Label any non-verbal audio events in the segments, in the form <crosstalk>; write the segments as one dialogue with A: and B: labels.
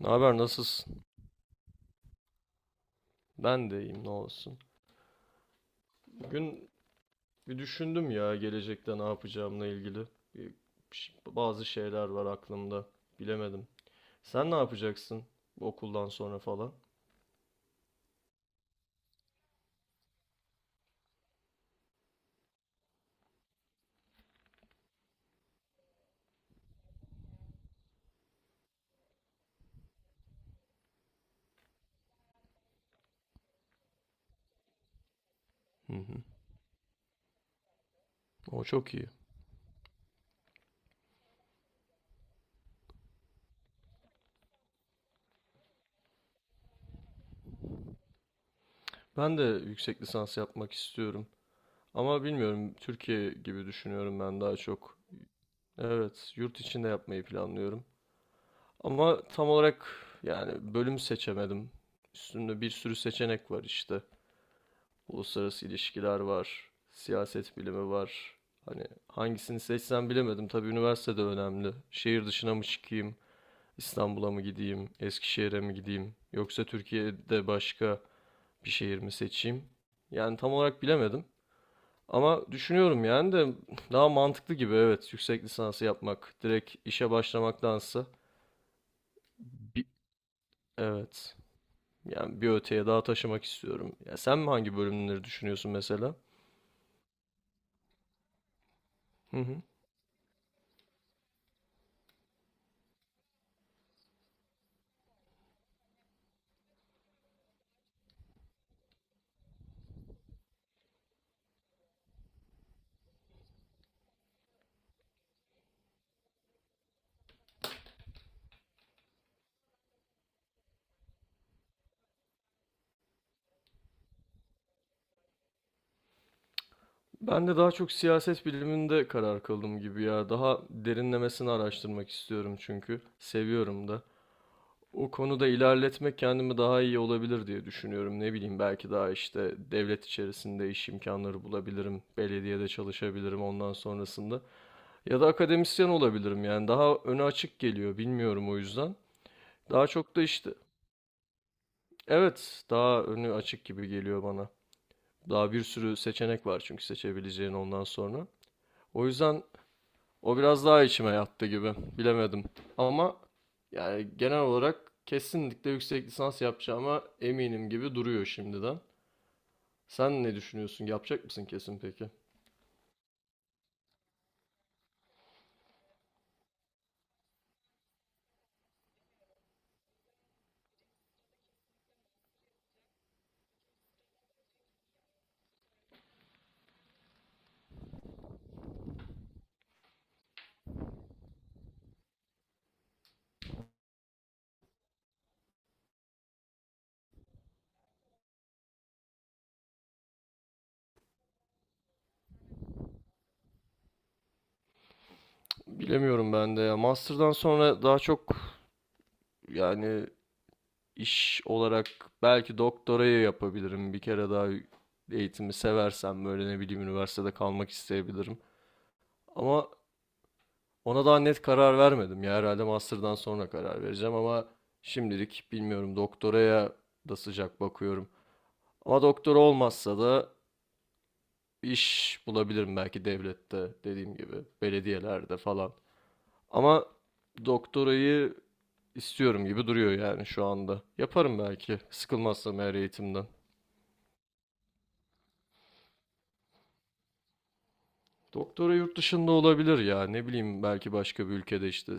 A: Ne haber, nasılsın? Ben de iyiyim, ne olsun. Bugün bir düşündüm ya gelecekte ne yapacağımla ilgili. Bir- Bazı şeyler var aklımda. Bilemedim. Sen ne yapacaksın bu okuldan sonra falan? Hı hı. O çok iyi. Ben de yüksek lisans yapmak istiyorum. Ama bilmiyorum, Türkiye gibi düşünüyorum ben daha çok. Evet, yurt içinde yapmayı planlıyorum. Ama tam olarak, yani bölüm seçemedim. Üstünde bir sürü seçenek var işte. Uluslararası ilişkiler var. Siyaset bilimi var. Hani hangisini seçsem bilemedim. Tabii üniversite de önemli. Şehir dışına mı çıkayım? İstanbul'a mı gideyim? Eskişehir'e mi gideyim? Yoksa Türkiye'de başka bir şehir mi seçeyim? Yani tam olarak bilemedim. Ama düşünüyorum yani, de <laughs> daha mantıklı gibi, evet, yüksek lisansı yapmak direkt işe başlamaktansa. bir, evet, yani bir öteye daha taşımak istiyorum. Ya sen mi hangi bölümleri düşünüyorsun mesela? Hı hı. Ben de daha çok siyaset biliminde karar kıldım gibi ya. Daha derinlemesine araştırmak istiyorum çünkü. Seviyorum da. O konuda ilerletmek kendimi daha iyi olabilir diye düşünüyorum. Ne bileyim, belki daha işte devlet içerisinde iş imkanları bulabilirim. Belediyede çalışabilirim ondan sonrasında. Ya da akademisyen olabilirim yani. Daha önü açık geliyor, bilmiyorum, o yüzden. Daha çok da işte evet, daha önü açık gibi geliyor bana. Daha bir sürü seçenek var çünkü seçebileceğin ondan sonra. O yüzden, o biraz daha içime yattı gibi. Bilemedim. Ama yani genel olarak kesinlikle yüksek lisans yapacağıma eminim gibi duruyor şimdiden. Sen ne düşünüyorsun? Yapacak mısın kesin peki? Bilemiyorum ben de ya. Master'dan sonra daha çok, yani iş olarak belki doktorayı yapabilirim. Bir kere daha eğitimi seversem böyle ne bileyim üniversitede kalmak isteyebilirim. Ama ona daha net karar vermedim ya. Herhalde master'dan sonra karar vereceğim ama şimdilik bilmiyorum, doktoraya da sıcak bakıyorum. Ama doktor olmazsa da iş bulabilirim belki, devlette dediğim gibi belediyelerde falan. Ama doktorayı istiyorum gibi duruyor yani şu anda. Yaparım belki, sıkılmazsam eğer eğitimden. Doktora yurt dışında olabilir ya, ne bileyim, belki başka bir ülkede işte,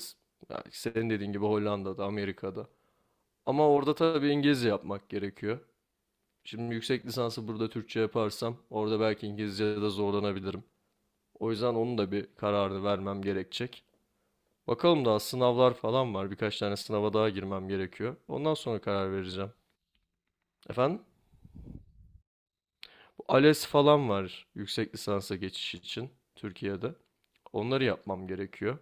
A: belki senin dediğin gibi Hollanda'da, Amerika'da. Ama orada tabii İngilizce yapmak gerekiyor. Şimdi yüksek lisansı burada Türkçe yaparsam orada belki İngilizce'de zorlanabilirim. O yüzden onun da bir kararını vermem gerekecek. Bakalım, daha sınavlar falan var. Birkaç tane sınava daha girmem gerekiyor. Ondan sonra karar vereceğim. Efendim? ALES falan var yüksek lisansa geçiş için Türkiye'de. Onları yapmam gerekiyor.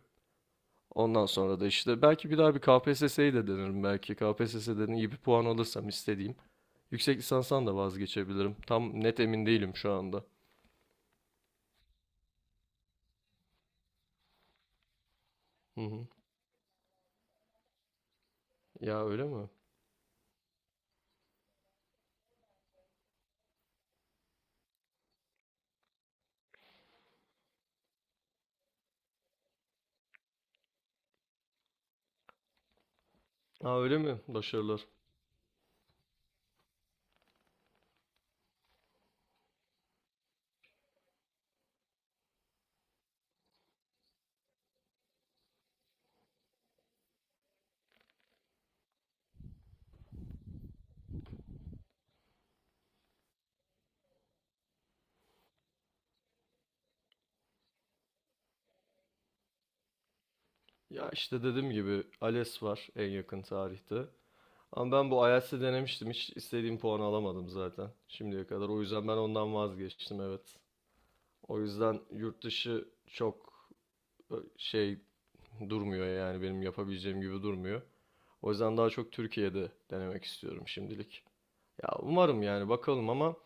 A: Ondan sonra da işte belki bir daha bir KPSS'yi de denerim belki. KPSS'den iyi bir puan alırsam istediğim. Yüksek lisanstan da vazgeçebilirim. Tam net emin değilim şu anda. Hı hı. Ya öyle mi? Aa, öyle mi? Başarılar. Ya işte dediğim gibi ALES var en yakın tarihte. Ama ben bu IELTS'i denemiştim. Hiç istediğim puanı alamadım zaten şimdiye kadar. O yüzden ben ondan vazgeçtim, evet. O yüzden yurt dışı çok şey, durmuyor yani, benim yapabileceğim gibi durmuyor. O yüzden daha çok Türkiye'de denemek istiyorum şimdilik. Ya umarım, yani bakalım, ama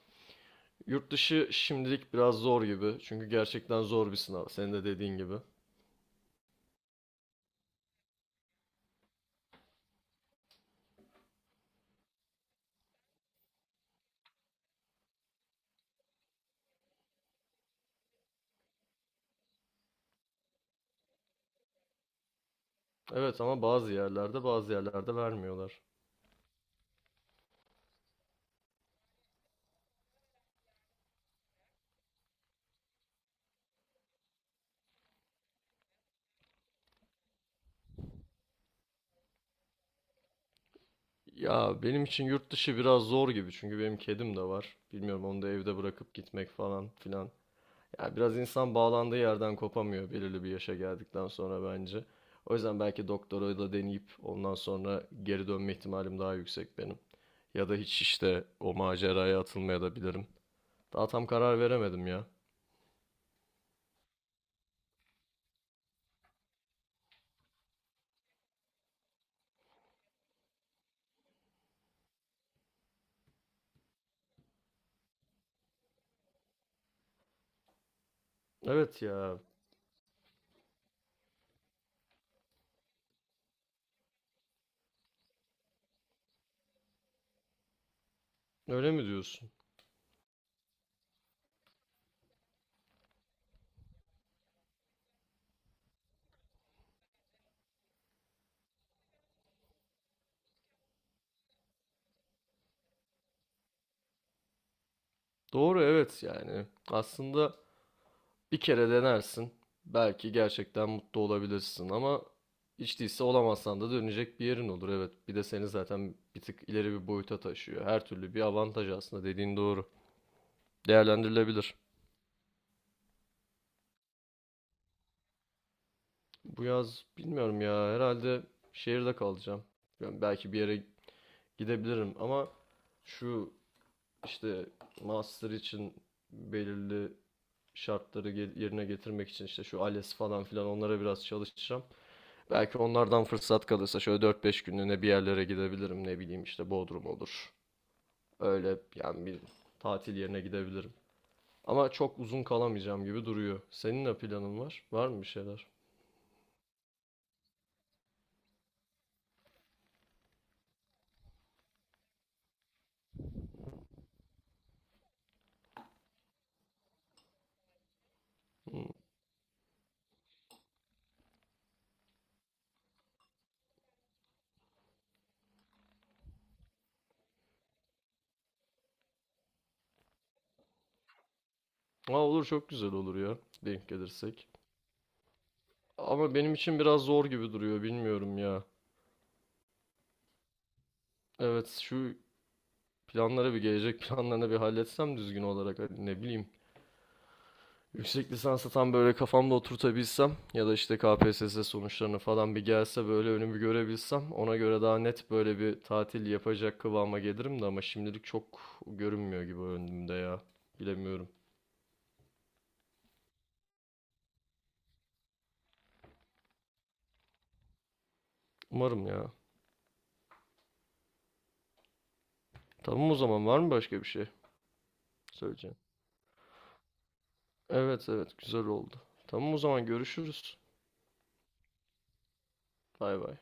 A: yurt dışı şimdilik biraz zor gibi. Çünkü gerçekten zor bir sınav. Senin de dediğin gibi. Evet, ama bazı yerlerde, bazı yerlerde vermiyorlar. Ya benim için yurt dışı biraz zor gibi çünkü benim kedim de var. Bilmiyorum, onu da evde bırakıp gitmek falan filan. Ya biraz insan bağlandığı yerden kopamıyor belirli bir yaşa geldikten sonra bence. O yüzden belki doktorayı da deneyip ondan sonra geri dönme ihtimalim daha yüksek benim. Ya da hiç işte o maceraya atılmaya da bilirim. Daha tam karar veremedim ya. Evet ya, öyle mi diyorsun? Doğru, evet yani. Aslında bir kere denersin. Belki gerçekten mutlu olabilirsin ama hiç değilse olamazsan da dönecek bir yerin olur. Evet, bir de seni zaten bir tık ileri bir boyuta taşıyor. Her türlü bir avantaj, aslında dediğin doğru. Değerlendirilebilir. Bu yaz bilmiyorum ya, herhalde şehirde kalacağım. Yani belki bir yere gidebilirim ama şu işte master için belirli şartları yerine getirmek için işte şu ALES falan filan, onlara biraz çalışacağım. Belki onlardan fırsat kalırsa şöyle 4-5 günlüğüne bir yerlere gidebilirim. Ne bileyim işte, Bodrum olur. Öyle yani, bir tatil yerine gidebilirim. Ama çok uzun kalamayacağım gibi duruyor. Senin ne planın var? Var mı bir şeyler? Hmm. Aa, olur, çok güzel olur ya. Denk gelirsek. Ama benim için biraz zor gibi duruyor. Bilmiyorum ya. Evet, şu planlara bir gelecek <laughs> planlarına bir halletsem düzgün olarak. Hani ne bileyim. Yüksek lisansa tam böyle kafamda oturtabilsem ya da işte KPSS sonuçlarını falan bir gelse böyle önümü görebilsem ona göre daha net böyle bir tatil yapacak kıvama gelirim de ama şimdilik çok görünmüyor gibi önümde ya. Bilemiyorum. Umarım ya. Tamam o zaman, var mı başka bir şey söyleyeceğim? Evet, evet, güzel oldu. Tamam o zaman, görüşürüz. Bay bay.